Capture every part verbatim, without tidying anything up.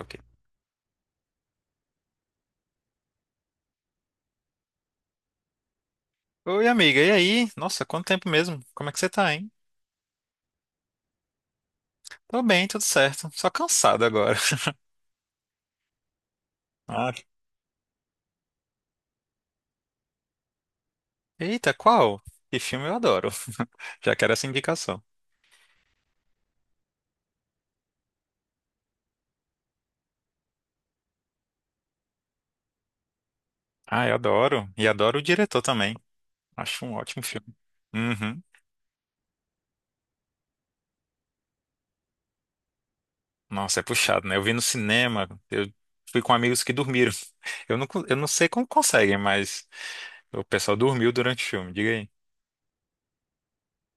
Ok. Oi, amiga, e aí? Nossa, quanto tempo mesmo? Como é que você tá, hein? Tô bem, tudo certo. Só cansado agora. Ah. Eita, qual? Que filme eu adoro. Já quero essa indicação. Ah, eu adoro. E adoro o diretor também. Acho um ótimo filme. Uhum. Nossa, é puxado, né? Eu vi no cinema, eu fui com amigos que dormiram. Eu não, co- eu não sei como conseguem, mas o pessoal dormiu durante o filme, diga aí.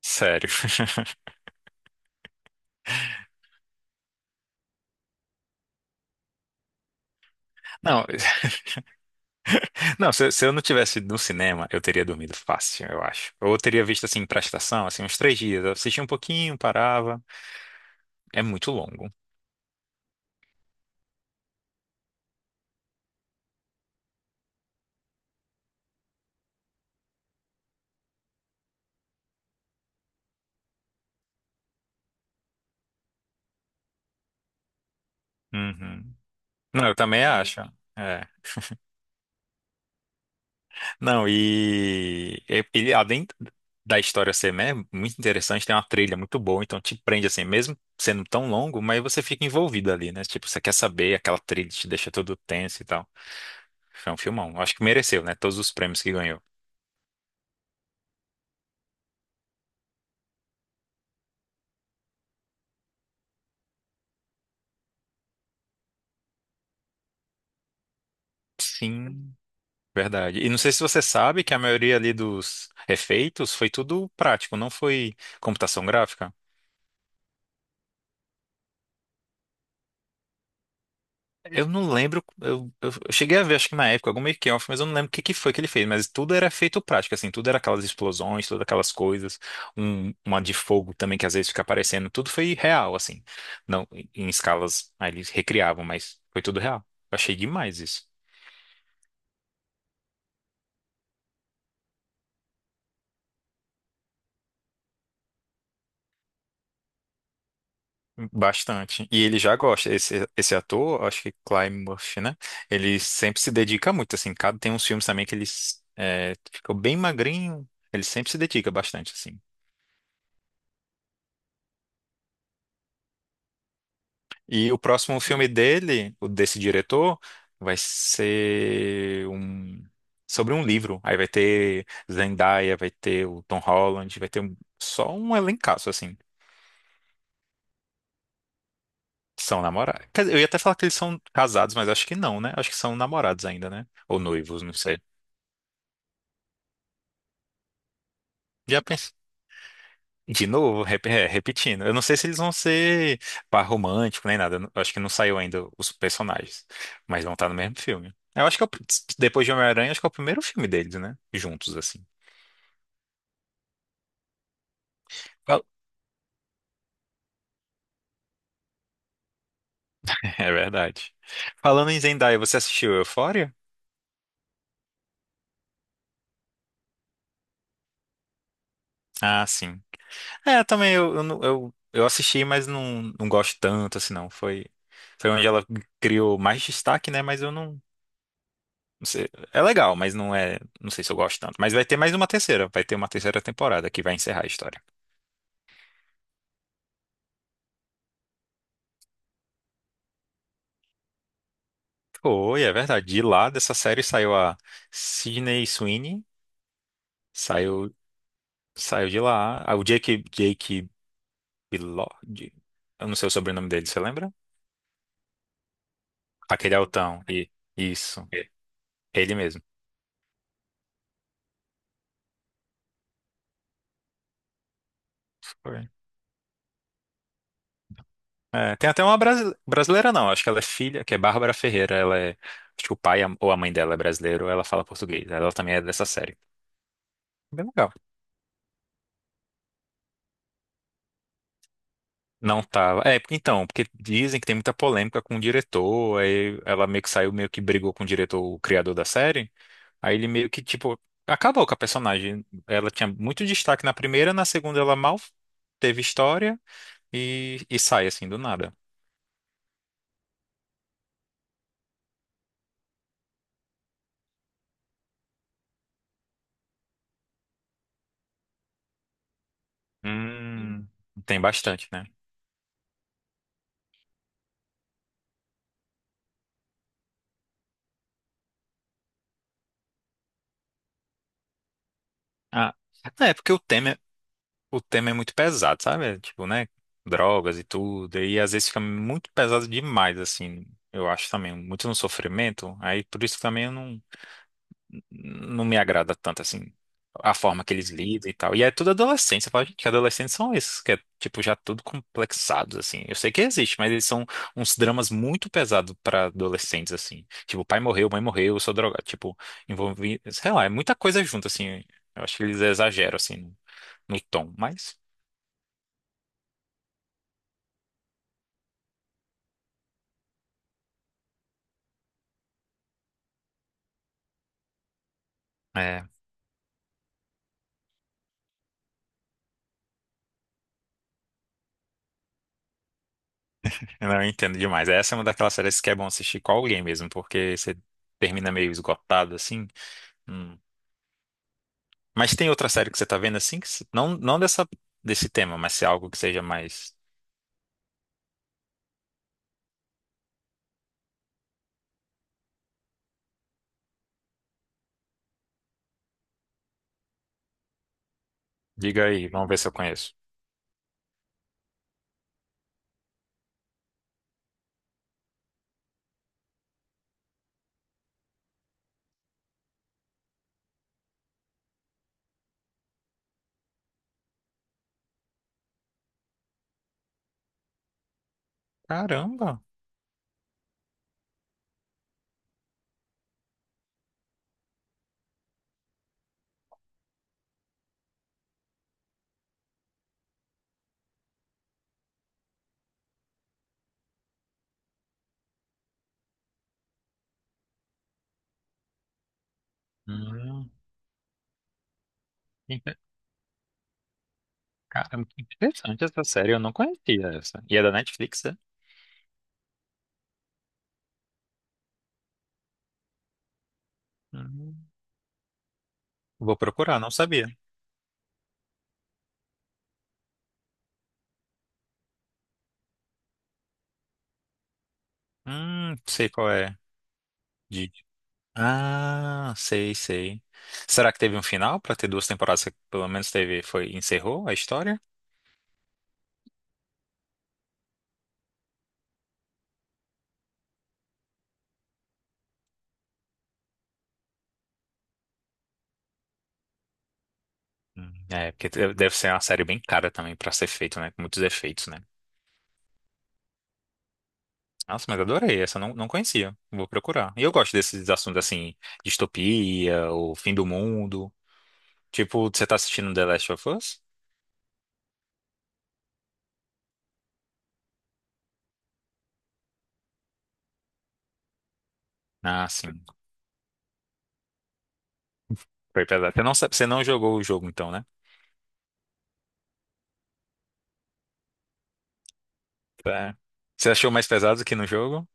Sério. Não, Não, se, se eu não tivesse ido no cinema, eu teria dormido fácil, eu acho. Ou eu teria visto assim pra estação, assim, uns três dias. Eu assistia um pouquinho, parava. É muito longo. Uhum. Não, eu também É. acho. É. Não, e, e e além da história ser, né, muito interessante, tem uma trilha muito boa, então te prende assim, mesmo sendo tão longo, mas você fica envolvido ali, né? Tipo, você quer saber, aquela trilha te deixa todo tenso e tal. Foi um filmão. Eu Acho que mereceu, né? Todos os prêmios que ganhou. Sim. Verdade. E não sei se você sabe que a maioria ali dos efeitos foi tudo prático, não foi computação gráfica. Eu não lembro, eu, eu eu cheguei a ver, acho que na época, algum making-of, mas eu não lembro o que, que foi que ele fez, mas tudo era efeito prático, assim, tudo era aquelas explosões, todas aquelas coisas, um, uma de fogo também que às vezes fica aparecendo, tudo foi real, assim, não em em escalas, aí eles recriavam, mas foi tudo real. Eu achei demais isso. Bastante. E ele já gosta. Esse, esse ator, acho que Cillian Murphy, né? Ele sempre se dedica muito, assim. Cada, tem uns filmes também que ele é, ficou bem magrinho. Ele sempre se dedica bastante, assim. E o próximo filme dele, o desse diretor, vai ser um sobre um livro. Aí vai ter Zendaya, vai ter o Tom Holland, vai ter um- só um elencaço, assim. São namorados. Quer dizer, eu ia até falar que eles são casados, mas acho que não, né? Acho que são namorados ainda, né? Ou noivos, não sei. Já pensei. De novo, rep- é, repetindo. Eu não sei se eles vão ser par romântico nem nada. Eu não- eu acho que não saiu ainda os personagens. Mas vão estar no mesmo filme. Eu acho que é o pr- depois de Homem-Aranha, acho que é o primeiro filme deles, né? Juntos, assim. Fal- É verdade. Falando em Zendaya, você assistiu Euphoria? Ah, sim. É, também eu, eu, não- eu, eu assisti, mas não, não gosto tanto, assim, não. Foi, foi onde ela criou mais destaque, né? Mas eu não. Não sei, é legal, mas não é. Não sei se eu gosto tanto. Mas vai ter mais uma terceira. Vai ter uma terceira temporada que vai encerrar a história. Foi, é verdade. De lá dessa série saiu a Sydney Sweeney. Saiu, saiu de lá. Ah, o Jake, Jake Bilod. Eu não sei o sobrenome dele, você lembra? Aquele altão. E, isso. E- Ele mesmo. Foi. É, tem até uma brasi- brasileira, não. Acho que ela é filha, que é Bárbara Ferreira. Ela é. Acho que o pai a- ou a mãe dela é brasileiro, ela fala português. Ela também é dessa série. Bem legal. Não tava. É, porque- então, porque dizem que tem muita polêmica com o diretor, aí ela meio que saiu, meio que brigou com o diretor, o criador da série, aí ele meio que, tipo, acabou com a personagem. Ela tinha muito destaque na primeira, na segunda ela mal teve história e, e sai, assim, do nada. Hum, tem bastante, né? Ah, é, porque o tema, é- o tema é muito pesado, sabe? É, tipo, né? Drogas e tudo, e às vezes fica muito pesado demais, assim, eu acho também, muito no sofrimento, aí por isso também eu não não me agrada tanto assim a forma que eles lidam e tal. E é tudo adolescente. Você fala, gente, que adolescentes são esses, que é tipo já tudo complexados assim. Eu sei que existe, mas eles são uns dramas muito pesados pra adolescentes assim. Tipo, pai morreu, mãe morreu, eu sou drogado, tipo, envolvi, sei lá, é muita coisa junto assim. Eu acho que eles exageram assim no, no tom, mas é, eu não entendo demais. Essa é uma daquelas séries que é bom assistir com alguém mesmo, porque você termina meio esgotado assim. Hum. Mas tem outra série que você tá vendo assim? Que se- não, não dessa, desse tema, mas se é algo que seja mais. Diga aí, vamos ver se eu conheço. Caramba! Hum, que inte- caramba, que interessante essa série. Eu não conhecia essa. E é da Netflix, é? Hum, vou procurar, não sabia. Hum, sei qual é. De... Ah, sei, sei. Será que teve um final pra ter duas temporadas? Que Pelo menos teve, foi, encerrou a história? Hum, É, porque te- deve ser uma série bem cara também pra ser feito, né? Com muitos efeitos, né? Nossa, mas adorei. Essa eu não, não conhecia. Vou procurar. E eu gosto desses assuntos assim, distopia, o fim do mundo. Tipo, você tá assistindo The Last of Us? Ah, sim. Foi pesado. Você não, sabe- você não jogou o jogo, então, né? É. Você achou mais pesado que no jogo?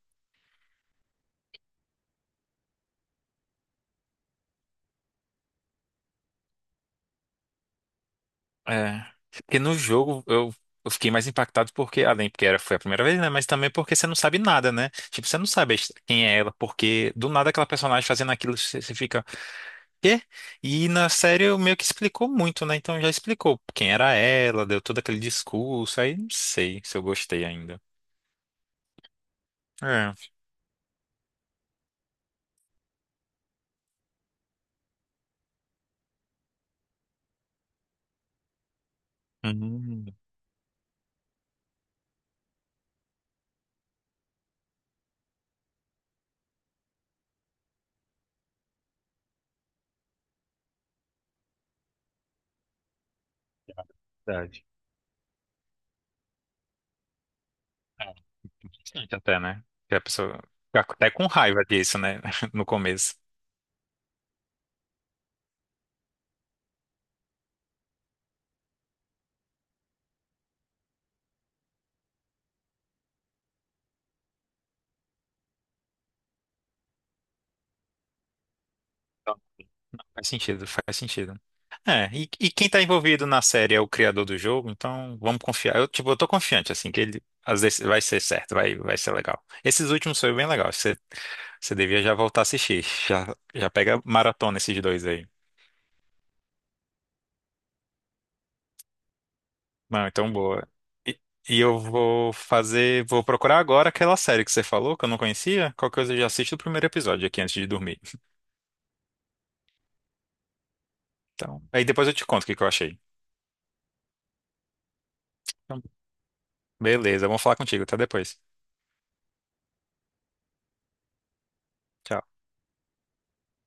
É. Porque no jogo eu, eu fiquei mais impactado porque, além porque era, foi a primeira vez, né? Mas também porque você não sabe nada, né? Tipo, você não sabe a his- quem é ela, porque do nada aquela personagem fazendo aquilo, você, você fica. Quê? E na série eu meio que explicou muito, né? Então já explicou quem era ela, deu todo aquele discurso, aí não sei se eu gostei ainda. É. Hum, verdade. É, interessante até, né? Que a pessoa fica até com raiva disso, né? No começo. Faz sentido, faz sentido. É, e, e quem tá envolvido na série é o criador do jogo, então vamos confiar. Eu, tipo, eu tô confiante, assim, que ele às vezes vai ser certo, vai, vai ser legal. Esses últimos foi bem legal. Você, você devia já voltar a assistir. Já, já pega maratona esses dois aí. Não, então boa. E, e eu vou fazer, vou procurar agora aquela série que você falou, que eu não conhecia. Qualquer coisa eu já assisto o primeiro episódio aqui antes de dormir. Então, aí depois eu te conto o que que eu achei. Então, beleza, vamos falar contigo. Até depois. Tchau.